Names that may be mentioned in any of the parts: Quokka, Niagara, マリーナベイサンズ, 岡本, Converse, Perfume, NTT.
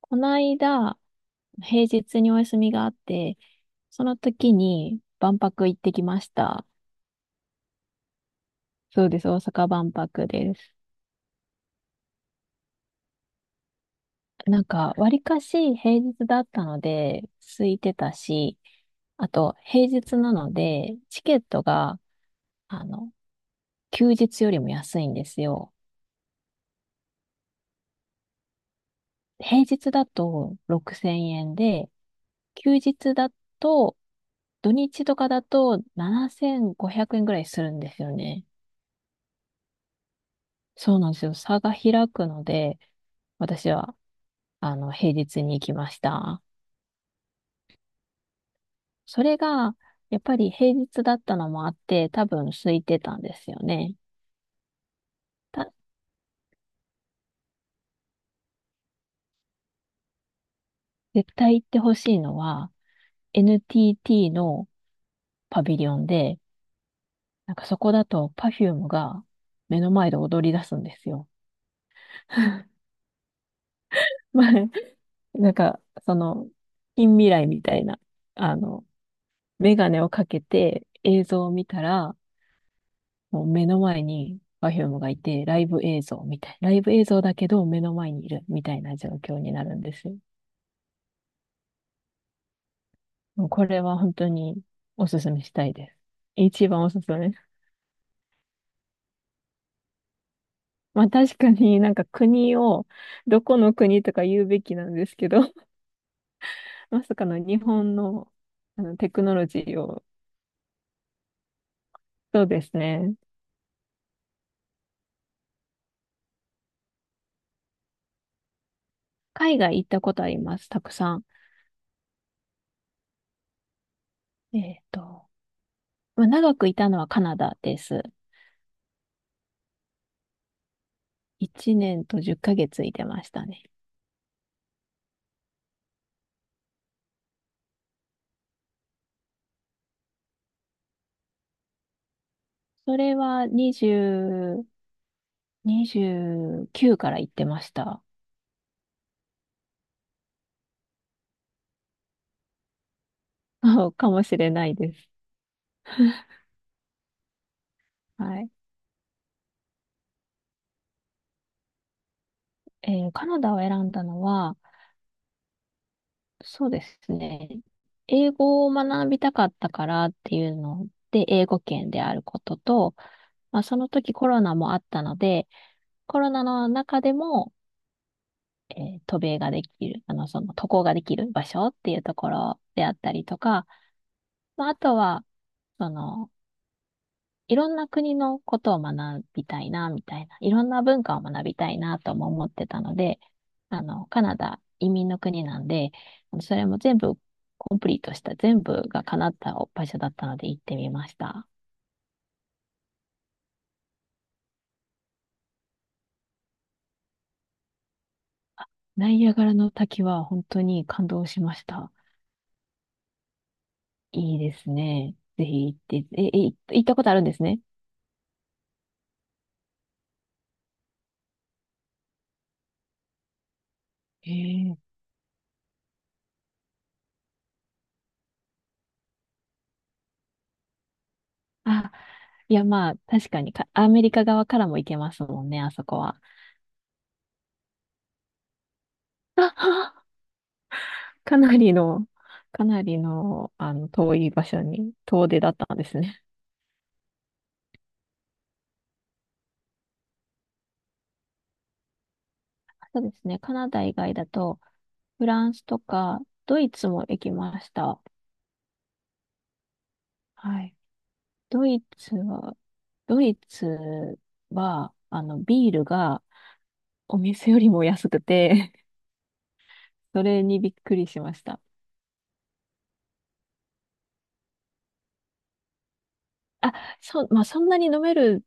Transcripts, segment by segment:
この間、平日にお休みがあって、その時に万博行ってきました。そうです、大阪万博です。わりかし平日だったので、空いてたし、あと、平日なので、チケットが、あの、休日よりも安いんですよ。平日だと6000円で、休日だと、土日とかだと7500円ぐらいするんですよね。そうなんですよ。差が開くので、私は、平日に行きました。それが、やっぱり平日だったのもあって、多分空いてたんですよね。た、絶対行ってほしいのは、NTT のパビリオンで、そこだと Perfume が目の前で踊り出すんですよ。まあ、なんか、その、近未来みたいな、あの、メガネをかけて映像を見たら、もう目の前に Perfume がいて、ライブ映像みたい。ライブ映像だけど目の前にいるみたいな状況になるんですよ。もうこれは本当におすすめしたいです。一番おすすめ。まあ確かに国を、どこの国とか言うべきなんですけど、まさかの日本の、あのテクノロジーを、そうですね。海外行ったことあります、たくさん。えっと、まあ長くいたのはカナダです。1年と10ヶ月いてましたね。それは20、29から言ってました。かもしれないです。はい。カナダを選んだのは、そうですね。英語を学びたかったからっていうので、英語圏であることと、まあ、その時コロナもあったので、コロナの中でも、渡航ができる場所っていうところであったりとか、まあ、あとは、その、いろんな国のことを学びたいな、みたいな。いろんな文化を学びたいな、とも思ってたので、カナダ移民の国なんで、それも全部コンプリートした、全部が叶った場所だったので行ってみました。ナイアガラの滝は本当に感動しました。いいですね。ぜひ行って、行ったことあるんですね。へえ。あ、いやまあ、確かにアメリカ側からも行けますもんね、あそこは。あかなりの、遠い場所に遠出だったんですね。そうですね。カナダ以外だと、フランスとか、ドイツも行きました。はい。ドイツは、ドイツは、ビールがお店よりも安くて、それにびっくりしました。あ、そう、まあ、そんなに飲める、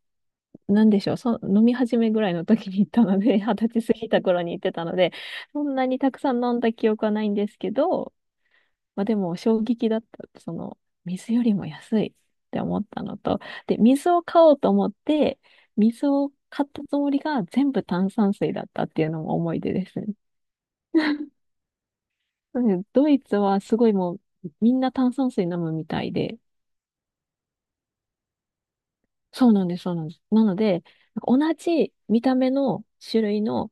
なんでしょう、そ、飲み始めぐらいの時に行ったので、二十歳過ぎた頃に行ってたので、そんなにたくさん飲んだ記憶はないんですけど、まあでも衝撃だった。水よりも安いって思ったのと、で、水を買おうと思って、水を買ったつもりが全部炭酸水だったっていうのも思い出ですね。うん、ドイツはすごいもうみんな炭酸水飲むみたいで、そうなんです、そうなんです。なので、同じ見た目の種類の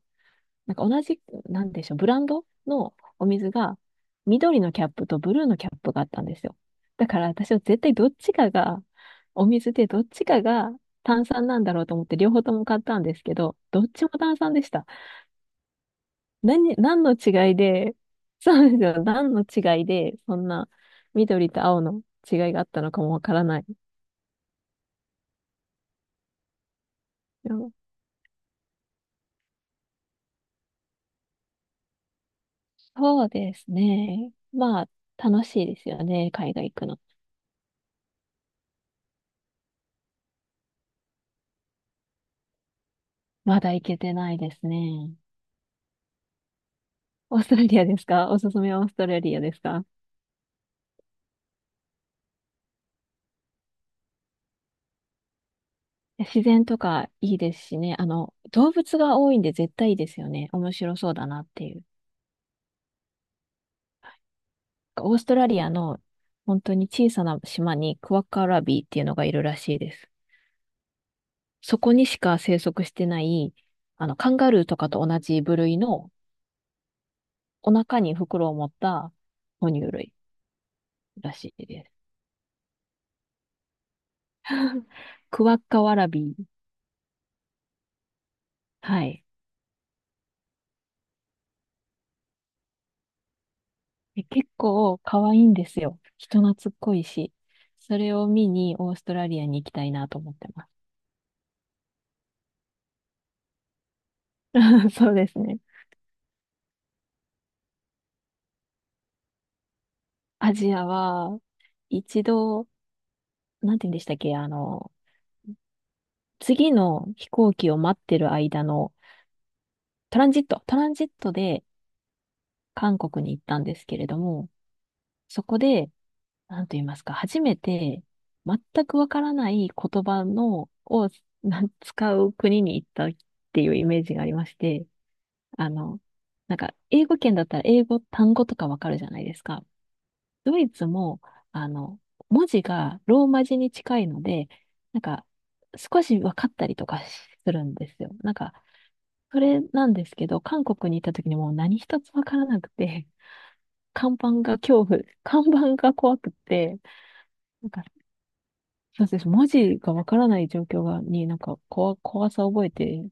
同じ、なんでしょう、ブランドのお水が緑のキャップとブルーのキャップがあったんですよ。だから私は絶対どっちかが、お水でどっちかが炭酸なんだろうと思って両方とも買ったんですけど、どっちも炭酸でした。何の違いで、そうですよ、何の違いで、そんな緑と青の違いがあったのかもわからない。うん、そうですね。まあ、楽しいですよね、海外行くの。まだ行けてないですね。オーストラリアですか？おすすめはオーストラリアですか？いや、自然とかいいですしね。動物が多いんで絶対いいですよね。面白そうだなっていう。オーストラリアの本当に小さな島にクワッカラビーっていうのがいるらしいです。そこにしか生息してない、カンガルーとかと同じ部類のお腹に袋を持った哺乳類らしいです。クワッカワラビー。はい。結構可愛いんですよ。人懐っこいし。それを見にオーストラリアに行きたいなと思ってます。そうですね。アジアは、一度、なんて言うんでしたっけ、次の飛行機を待ってる間のトランジットで韓国に行ったんですけれども、そこで、なんと言いますか、初めて全くわからない言葉を使う国に行ったっていうイメージがありまして、あの、英語圏だったら英語単語とかわかるじゃないですか。ドイツも、あの、文字がローマ字に近いので、なんか、少し分かったりとかするんですよ。それなんですけど、韓国に行った時にもう何一つ分からなくて、看板が怖くて、なんか、そうです。文字が分からない状況が、に怖さを覚えて、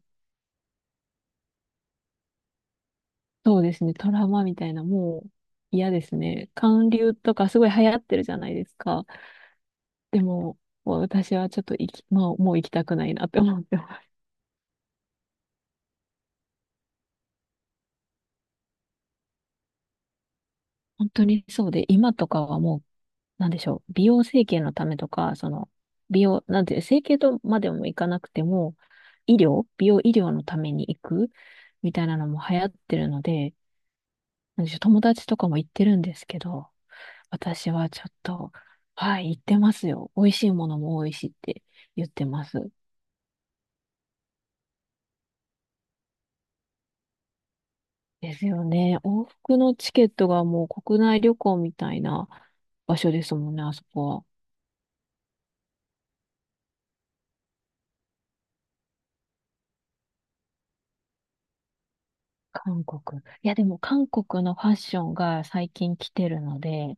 そうですね。トラウマみたいな、もう嫌ですね。韓流とかすごい流行ってるじゃないですか。でも、もう私はちょっと行き、まあ、もう行きたくないなって思ってます。本当にそうで、今とかはもう、なんでしょう、美容整形のためとか、なんて整形とまでもいかなくても、医療、美容医療のために行くみたいなのも流行ってるので、なんでしょう、友達とかも行ってるんですけど、私はちょっと、はい、言ってますよ。美味しいものも多いしって言ってます。ですよね。往復のチケットがもう国内旅行みたいな場所ですもんね、あそこは。韓国。いや、でも韓国のファッションが最近来てるので、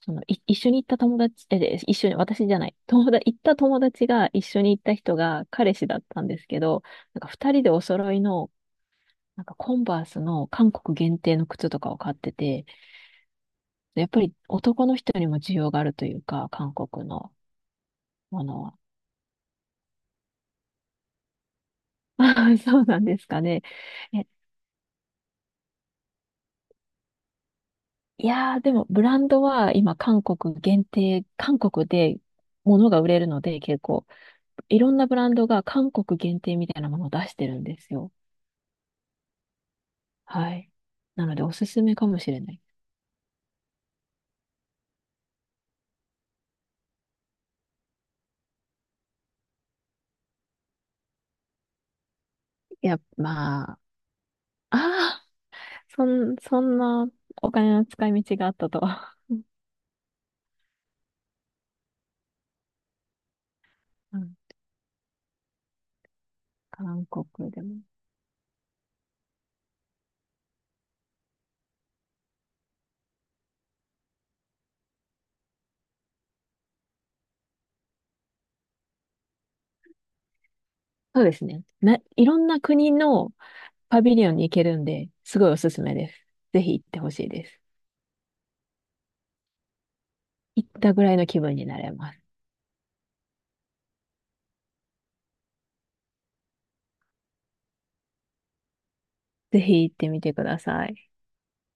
一緒に行った友達、で一緒に、私じゃない、友達、行った友達が一緒に行った人が彼氏だったんですけど、二人でお揃いの、コンバースの韓国限定の靴とかを買ってて、やっぱり男の人にも需要があるというか、韓国のものは。そうなんですかね。え、いやー、でもブランドは今韓国限定、韓国で物が売れるので結構、いろんなブランドが韓国限定みたいなものを出してるんですよ。はい。なのでおすすめかもしれない。いや、まあ、ああ、そんなお金の使い道があったとは。うん、韓国でも。そうですね。いろんな国のパビリオンに行けるんで、すごいおすすめです。ぜひ行ってほしいです。行ったぐらいの気分になれます。ぜひ行ってみてください。